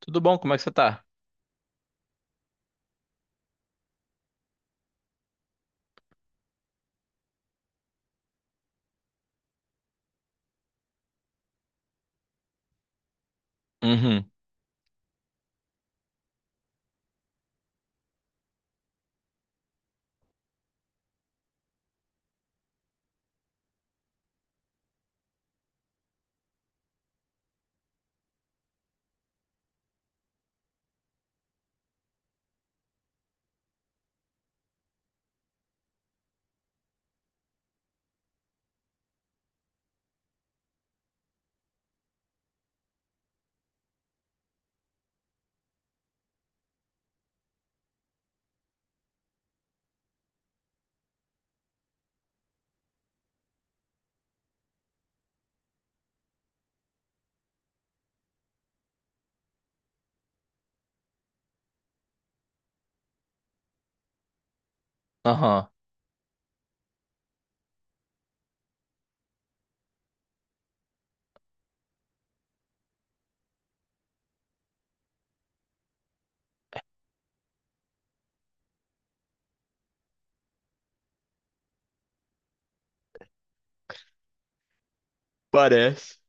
Tudo bom? Como é que você tá? Uhum. Aham. Parece.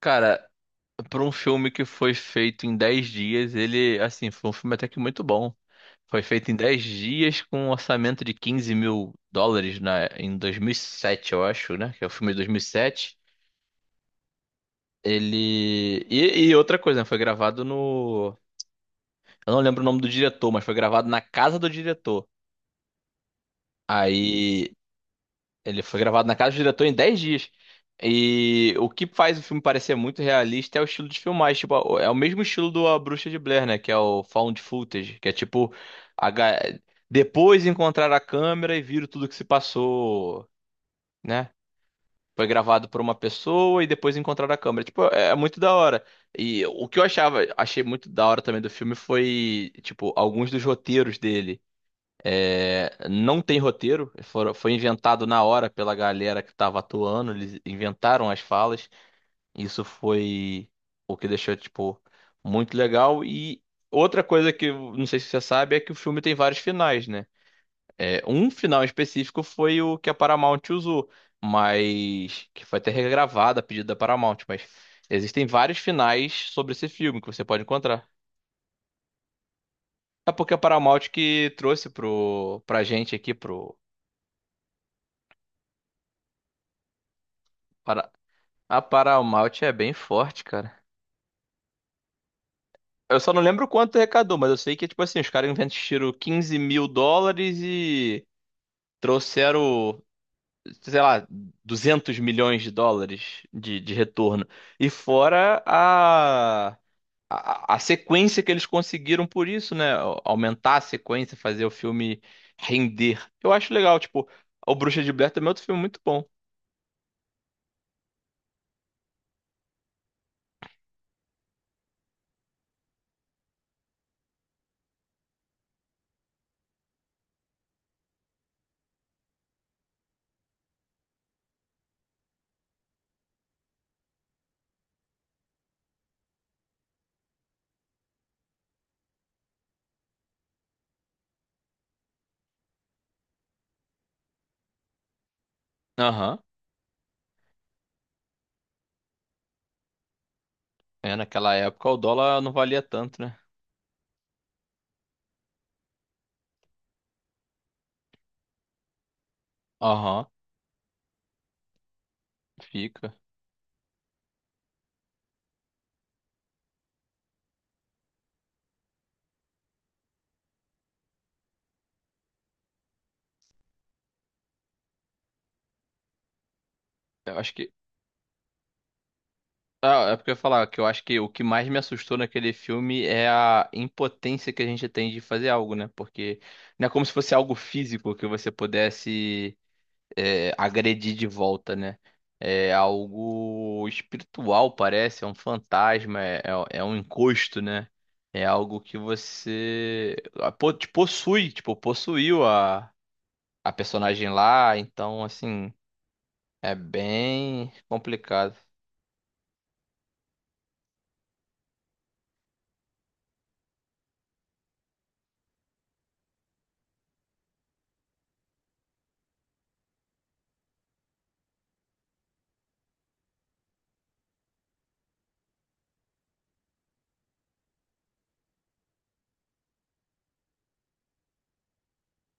Cara, pra um filme que foi feito em 10 dias, ele, assim, foi um filme até que muito bom. Foi feito em 10 dias com um orçamento de 15 mil dólares em 2007 eu acho, né? Que é o filme de 2007. Ele. E outra coisa, né? Foi gravado no. Eu não lembro o nome do diretor, mas foi gravado na casa do diretor. Aí. Ele foi gravado na casa do diretor em 10 dias. E o que faz o filme parecer muito realista é o estilo de filmagem. Tipo, é o mesmo estilo do A Bruxa de Blair, né? Que é o found footage, que é tipo a ga- depois encontrar a câmera e viram tudo que se passou, né? Foi gravado por uma pessoa e depois encontrar a câmera. Tipo, é muito da hora. E o que eu achei muito da hora também do filme foi, tipo, alguns dos roteiros dele. É, não tem roteiro, foi inventado na hora pela galera que estava atuando, eles inventaram as falas. Isso foi o que deixou, tipo, muito legal. E outra coisa que eu não sei se você sabe é que o filme tem vários finais, né? É, um final específico foi o que a Paramount usou, mas que foi até regravado a pedido da Paramount, mas existem vários finais sobre esse filme que você pode encontrar. É porque a Paramount que trouxe pra gente aqui, para, a Paramount é bem forte, cara. Eu só não lembro quanto arrecadou, mas eu sei que, tipo assim, os caras investiram 15 mil dólares e trouxeram, sei lá, 200 milhões de dólares de retorno. E fora a sequência que eles conseguiram por isso, né? Aumentar a sequência, fazer o filme render. Eu acho legal, tipo, O Bruxa de Blair também é outro filme muito bom. Aham. É, naquela época o dólar não valia tanto, né? Aham. Fica. Eu acho que. Ah, é porque eu ia falar que eu acho que o que mais me assustou naquele filme é a impotência que a gente tem de fazer algo, né? Porque não é como se fosse algo físico que você pudesse agredir de volta, né? É algo espiritual, parece, é um fantasma, é um encosto, né? É algo que você te possui, tipo, possuiu a personagem lá, então, assim, é bem complicado.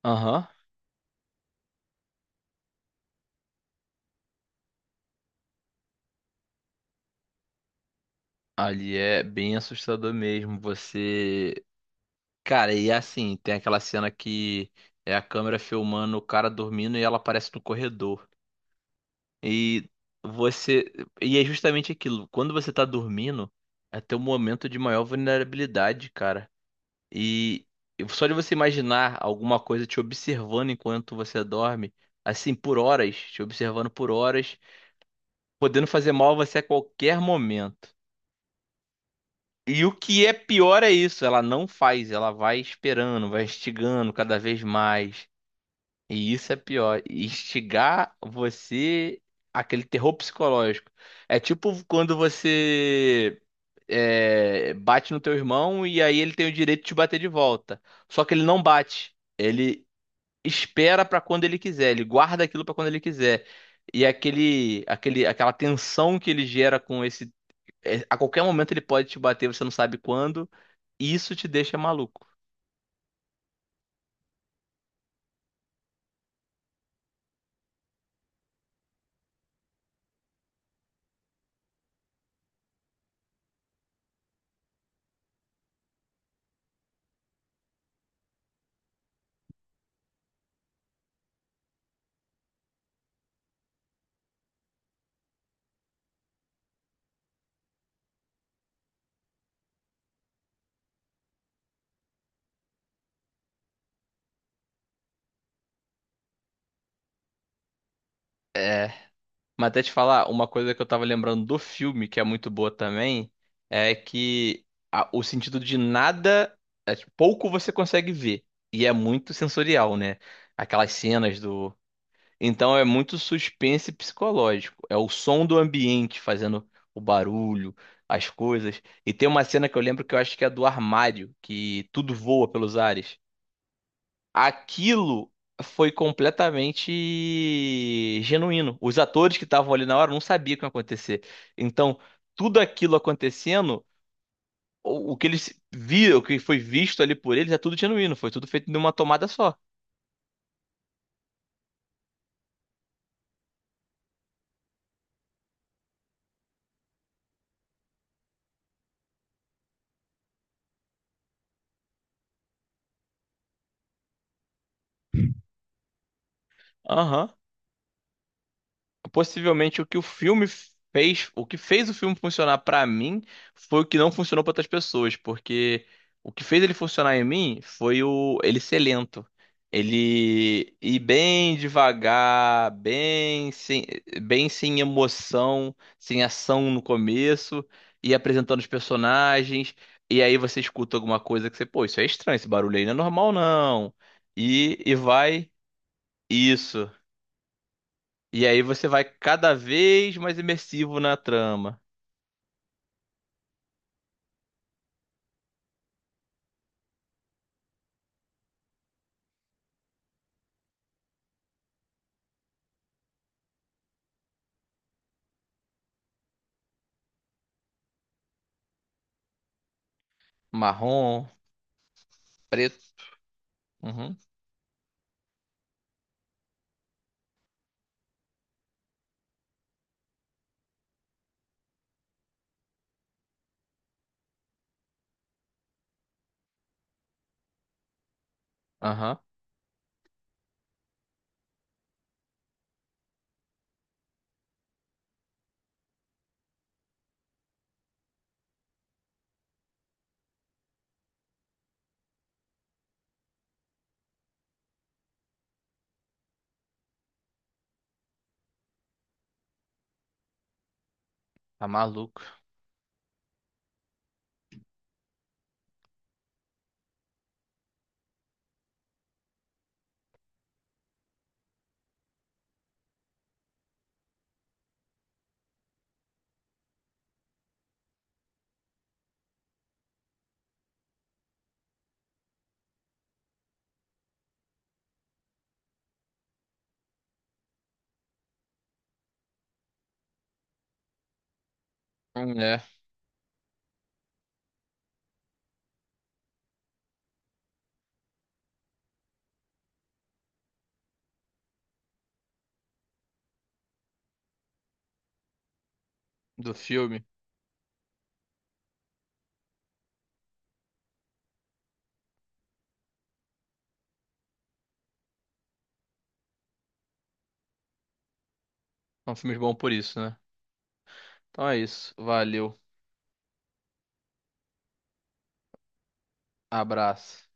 Aham. Ali é bem assustador mesmo. Você. Cara, e assim, tem aquela cena que é a câmera filmando o cara dormindo e ela aparece no corredor. E você. E é justamente aquilo. Quando você tá dormindo, é teu momento de maior vulnerabilidade, cara. E só de você imaginar alguma coisa te observando enquanto você dorme, assim, por horas, te observando por horas, podendo fazer mal a você a qualquer momento. E o que é pior é isso, ela não faz, ela vai esperando, vai instigando cada vez mais. E isso é pior, instigar você aquele terror psicológico. É tipo quando você bate no teu irmão e aí ele tem o direito de te bater de volta. Só que ele não bate, ele espera pra quando ele quiser, ele guarda aquilo pra quando ele quiser. E aquela tensão que ele gera com esse, a qualquer momento ele pode te bater, você não sabe quando. Isso te deixa maluco. Mas até te falar, uma coisa que eu tava lembrando do filme, que é muito boa também, é que o sentido de nada, tipo, pouco você consegue ver. E é muito sensorial, né? Aquelas cenas do. Então é muito suspense psicológico. É o som do ambiente fazendo o barulho, as coisas. E tem uma cena que eu lembro que eu acho que é do armário, que tudo voa pelos ares. Aquilo foi completamente genuíno. Os atores que estavam ali na hora não sabiam o que ia acontecer. Então, tudo aquilo acontecendo, o que eles viram, o que foi visto ali por eles, é tudo genuíno. Foi tudo feito numa tomada só. Aham. Possivelmente o que o filme fez, o que fez o filme funcionar pra mim foi o que não funcionou pra outras pessoas, porque o que fez ele funcionar em mim foi o ele ser lento. Ele ir bem devagar, bem sem emoção, sem ação no começo, e apresentando os personagens, e aí você escuta alguma coisa que você, pô, isso é estranho, esse barulho aí não é normal não. E vai isso. E aí você vai cada vez mais imersivo na trama. Marrom, preto. Uhum. Aham. Tá maluco. É, do filme. São filmes bons por isso, né? Então é isso. Valeu. Abraço.